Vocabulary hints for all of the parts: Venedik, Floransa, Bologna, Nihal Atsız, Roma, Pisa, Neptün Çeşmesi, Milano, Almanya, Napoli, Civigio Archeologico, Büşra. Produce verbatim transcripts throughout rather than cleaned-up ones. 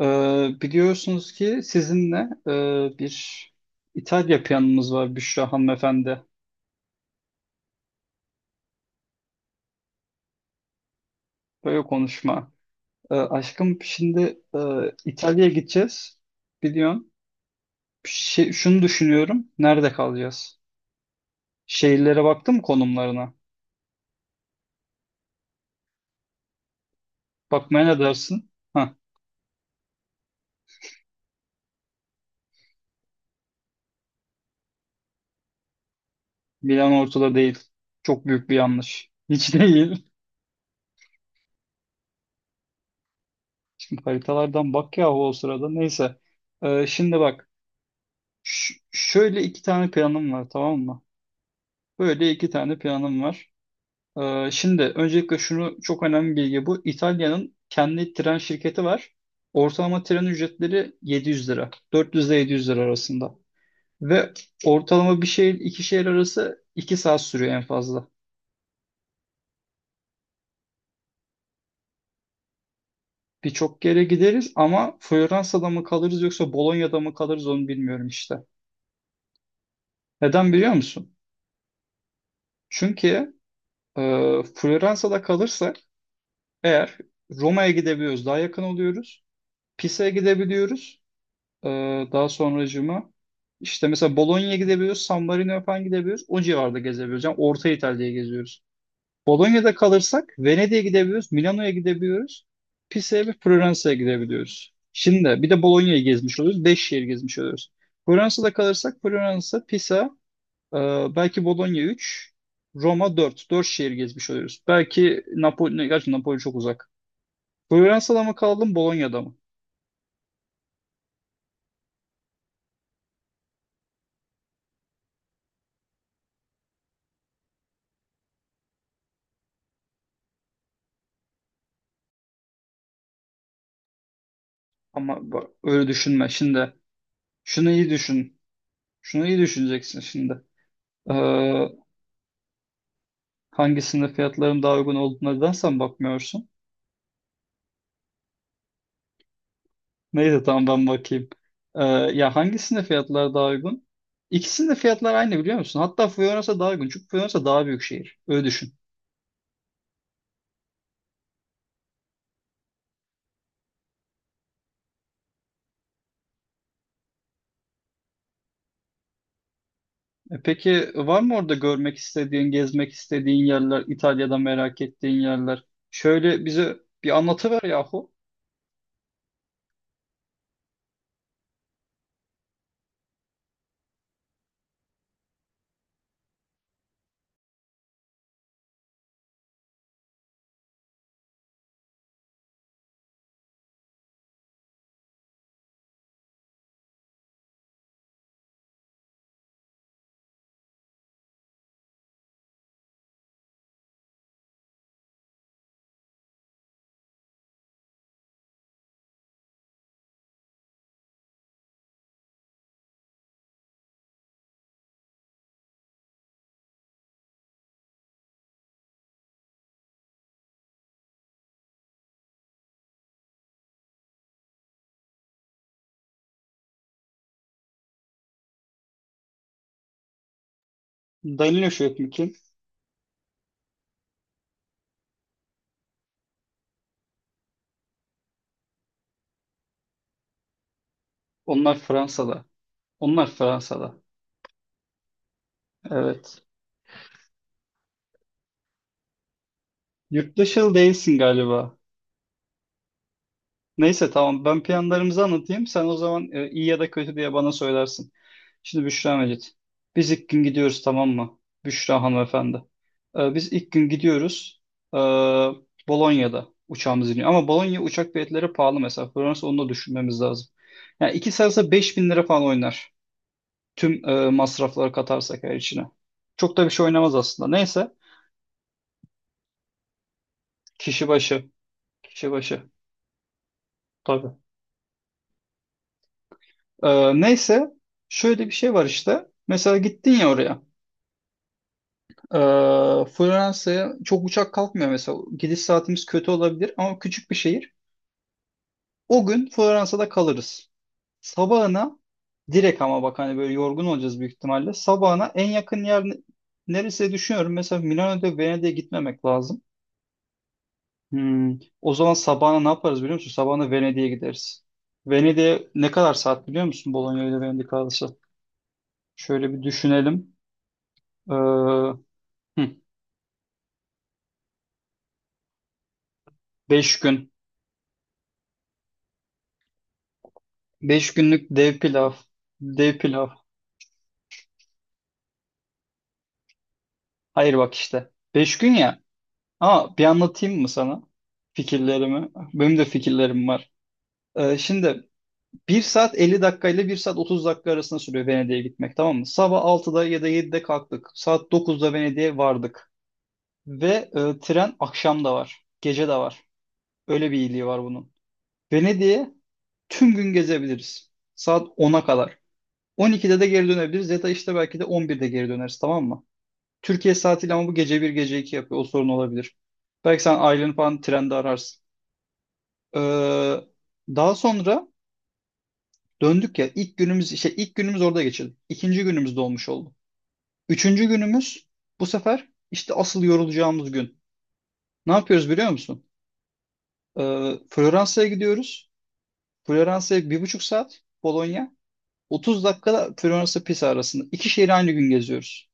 Ee, biliyorsunuz ki sizinle e, bir İtalya planımız var Büşra hanımefendi. Böyle konuşma. Ee, aşkım şimdi e, İtalya'ya gideceğiz. Biliyorsun. Şey, şunu düşünüyorum. Nerede kalacağız? Şehirlere baktın mı konumlarına? Bakmaya ne dersin? Hah, Milan ortada değil. Çok büyük bir yanlış. Hiç değil. Haritalardan bak yahu o sırada. Neyse. Ee, şimdi bak. Ş- şöyle iki tane planım var, tamam mı? Böyle iki tane planım var. Ee, şimdi öncelikle şunu, çok önemli bir bilgi bu. İtalya'nın kendi tren şirketi var. Ortalama tren ücretleri yedi yüz lira. dört yüz ile yedi yüz lira arasında. Ve ortalama bir şehir iki şehir arası iki saat sürüyor en fazla. Birçok yere gideriz ama Floransa'da mı kalırız yoksa Bolonya'da mı kalırız onu bilmiyorum işte. Neden biliyor musun? Çünkü e, Floransa'da kalırsak eğer Roma'ya gidebiliyoruz, daha yakın oluyoruz. Pisa'ya gidebiliyoruz. Ee, daha sonracığıma işte mesela Bologna'ya gidebiliyoruz, San Marino'ya falan gidebiliyoruz. O civarda gezebiliyoruz. Yani Orta İtalya'ya geziyoruz. Bologna'da kalırsak Venedik'e gidebiliyoruz, Milano'ya gidebiliyoruz. Pisa'ya ve Floransa'ya gidebiliyoruz. Şimdi bir de Bologna'yı gezmiş oluyoruz. Beş şehir gezmiş oluyoruz. Floransa'da kalırsak Floransa, Pisa, e, belki Bologna üç, Roma dört, dört şehir gezmiş oluyoruz. Belki Napoli, gerçi Napoli çok uzak. Floransa'da mı kalalım, Bologna'da mı? Ama bak, öyle düşünme. Şimdi şunu iyi düşün. Şunu iyi düşüneceksin şimdi. Ee, hangisinde fiyatların daha uygun olduğuna neden sen bakmıyorsun? Neyse, tamam, ben bakayım. Ee, ya hangisinde fiyatlar daha uygun? İkisinde fiyatlar aynı, biliyor musun? Hatta Floransa daha uygun. Çünkü Floransa daha büyük şehir. Öyle düşün. E peki, var mı orada görmek istediğin, gezmek istediğin yerler, İtalya'da merak ettiğin yerler? Şöyle bize bir anlatıver yahu. Danilo Şöhret kim? Onlar Fransa'da. Onlar Fransa'da. Evet. Yurttaşıl değilsin galiba. Neyse, tamam, ben planlarımızı anlatayım. Sen o zaman e, iyi ya da kötü diye bana söylersin. Şimdi Büşra Mecit. Biz ilk gün gidiyoruz, tamam mı? Büşra hanımefendi. E, biz ilk gün gidiyoruz. E, Bolonya'da uçağımız iniyor. Ama Bolonya uçak biletleri pahalı mesela. Fransa, onu da düşünmemiz lazım. Yani iki sarsa beş bin lira falan oynar. Tüm e, masrafları katarsak her içine. Çok da bir şey oynamaz aslında. Neyse. Kişi başı. Kişi başı. Tabii. Ee, neyse şöyle bir şey var işte. Mesela gittin ya oraya. Ee, Floransa'ya çok uçak kalkmıyor mesela. Gidiş saatimiz kötü olabilir ama küçük bir şehir. O gün Floransa'da kalırız. Sabahına direkt ama bak hani böyle yorgun olacağız büyük ihtimalle. Sabahına en yakın yer ne- neresi diye düşünüyorum. Mesela Milano'da Venedik'e gitmemek lazım. Hmm, o zaman sabahına ne yaparız biliyor musun? Sabahına Venedik'e gideriz. Venedik'e ne kadar saat biliyor musun? Bologna ile Venedik arası. Şöyle bir düşünelim. Ee, Hı, beş gün. Beş günlük dev pilav. Dev pilav. Hayır, bak işte. Beş gün ya. Ama bir anlatayım mı sana fikirlerimi? Benim de fikirlerim var. Ee, şimdi bir saat elli dakika ile bir saat otuz dakika arasında sürüyor Venedik'e gitmek, tamam mı? Sabah altıda ya da yedide kalktık. Saat dokuzda Venedik'e vardık. Ve e, tren akşam da var. Gece de var. Öyle bir iyiliği var bunun. Venedik'e tüm gün gezebiliriz. Saat ona kadar. on ikide de geri dönebiliriz ya da işte belki de on birde geri döneriz, tamam mı? Türkiye saatiyle ama bu gece bir gece iki yapıyor. O sorun olabilir. Belki sen aileni falan trende ararsın. Ee, daha sonra döndük ya, ilk günümüz, işte ilk günümüz orada geçirdik. İkinci günümüz dolmuş oldu. Üçüncü günümüz bu sefer işte asıl yorulacağımız gün. Ne yapıyoruz biliyor musun? Ee, Floransa'ya gidiyoruz. Floransa'ya bir buçuk saat Bologna. Otuz dakikada Floransa Pisa arasında. İki şehri aynı gün geziyoruz.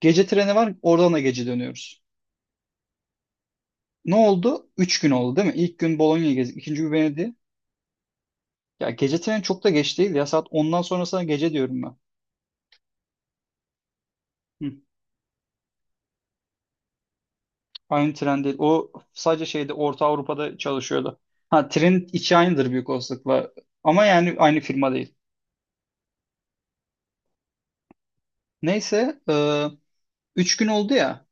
Gece treni var, oradan da gece dönüyoruz. Ne oldu? Üç gün oldu değil mi? İlk gün Bologna gezdik. İkinci gün Venedik. Ya gece treni çok da geç değil ya. Saat ondan sonrasına gece diyorum ben. Hı. Aynı tren değil. O sadece şeyde Orta Avrupa'da çalışıyordu. Ha, trenin içi aynıdır büyük olasılıkla. Ama yani aynı firma değil. Neyse, E, üç gün oldu ya.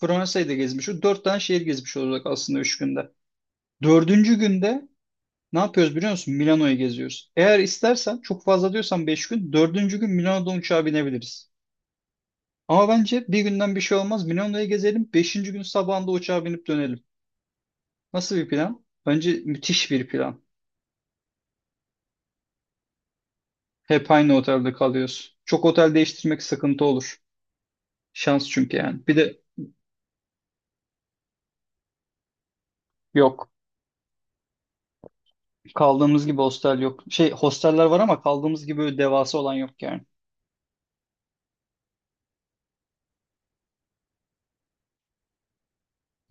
Fransa'yı da gezmiş, o dört tane şehir gezmiş olacak aslında üç günde. Dördüncü günde ne yapıyoruz biliyor musun? Milano'yu geziyoruz. Eğer istersen çok fazla diyorsan beş gün. Dördüncü gün Milano'dan uçağa binebiliriz. Ama bence bir günden bir şey olmaz. Milano'yu gezelim. Beşinci gün sabahında uçağa binip dönelim. Nasıl bir plan? Önce müthiş bir plan. Hep aynı otelde kalıyoruz. Çok otel değiştirmek sıkıntı olur. Şans çünkü yani. Bir de yok. Kaldığımız gibi hostel yok. Şey hosteller var ama kaldığımız gibi böyle devasa olan yok yani.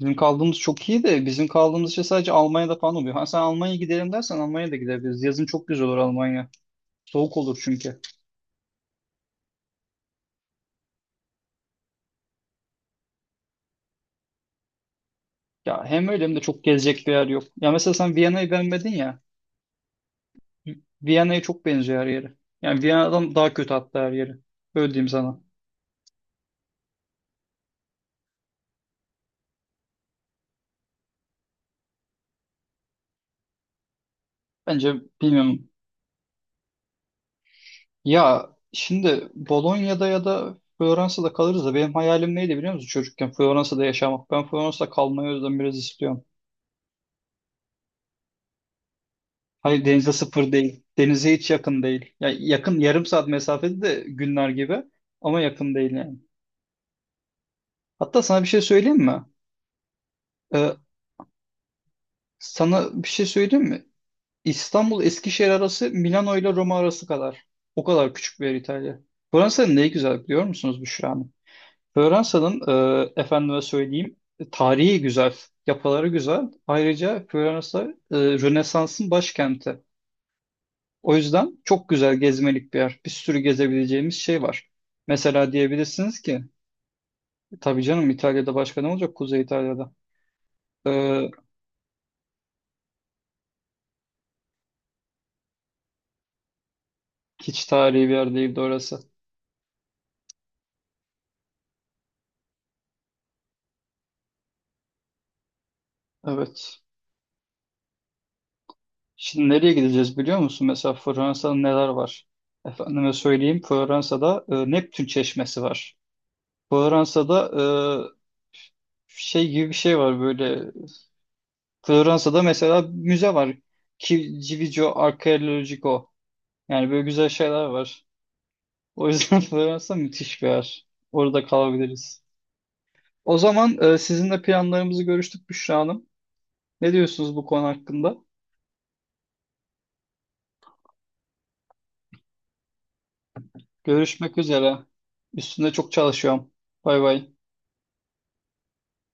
Bizim kaldığımız çok iyi de bizim kaldığımız şey sadece Almanya'da falan oluyor. Ha, sen Almanya'ya gidelim dersen Almanya'ya da gidebiliriz. Yazın çok güzel olur Almanya. Soğuk olur çünkü. Ya hem öyle hem de çok gezecek bir yer yok. Ya mesela sen Viyana'yı beğenmedin ya. Viyana'ya çok benziyor her yeri. Yani Viyana'dan daha kötü hatta her yeri. Öyle diyeyim sana. Bence bilmiyorum. Ya şimdi Bolonya'da ya da Floransa'da kalırız da benim hayalim neydi biliyor musun çocukken? Floransa'da yaşamak. Ben Floransa'da kalmayı o yüzden biraz istiyorum. Hayır, denize sıfır değil. Denize hiç yakın değil. Ya yakın, yarım saat mesafede de günler gibi ama yakın değil yani. Hatta sana bir şey söyleyeyim mi? Ee, sana bir şey söyleyeyim mi? İstanbul Eskişehir arası Milano ile Roma arası kadar. O kadar küçük bir yer İtalya. Floransa'nın neyi güzel biliyor musunuz Büşra? Floransa'nın e, efendime söyleyeyim, tarihi güzel, yapıları güzel. Ayrıca Floransa e, Rönesans'ın başkenti. O yüzden çok güzel gezmelik bir yer. Bir sürü gezebileceğimiz şey var. Mesela diyebilirsiniz ki, tabii canım İtalya'da başka ne olacak, Kuzey İtalya'da? E, hiç tarihi bir yer değildi orası. Evet. Şimdi nereye gideceğiz biliyor musun? Mesela Floransa'da neler var? Efendime söyleyeyim, Floransa'da e, Neptün Çeşmesi var. Fransa'da e, şey gibi bir şey var böyle. Fransa'da mesela müze var. Ki- Civigio Archeologico. Yani böyle güzel şeyler var. O yüzden Fransa müthiş bir yer. Orada kalabiliriz. O zaman e, sizinle planlarımızı görüştük Büşra Hanım. Ne diyorsunuz bu konu hakkında? Görüşmek üzere. Üstünde çok çalışıyorum. Bay bay.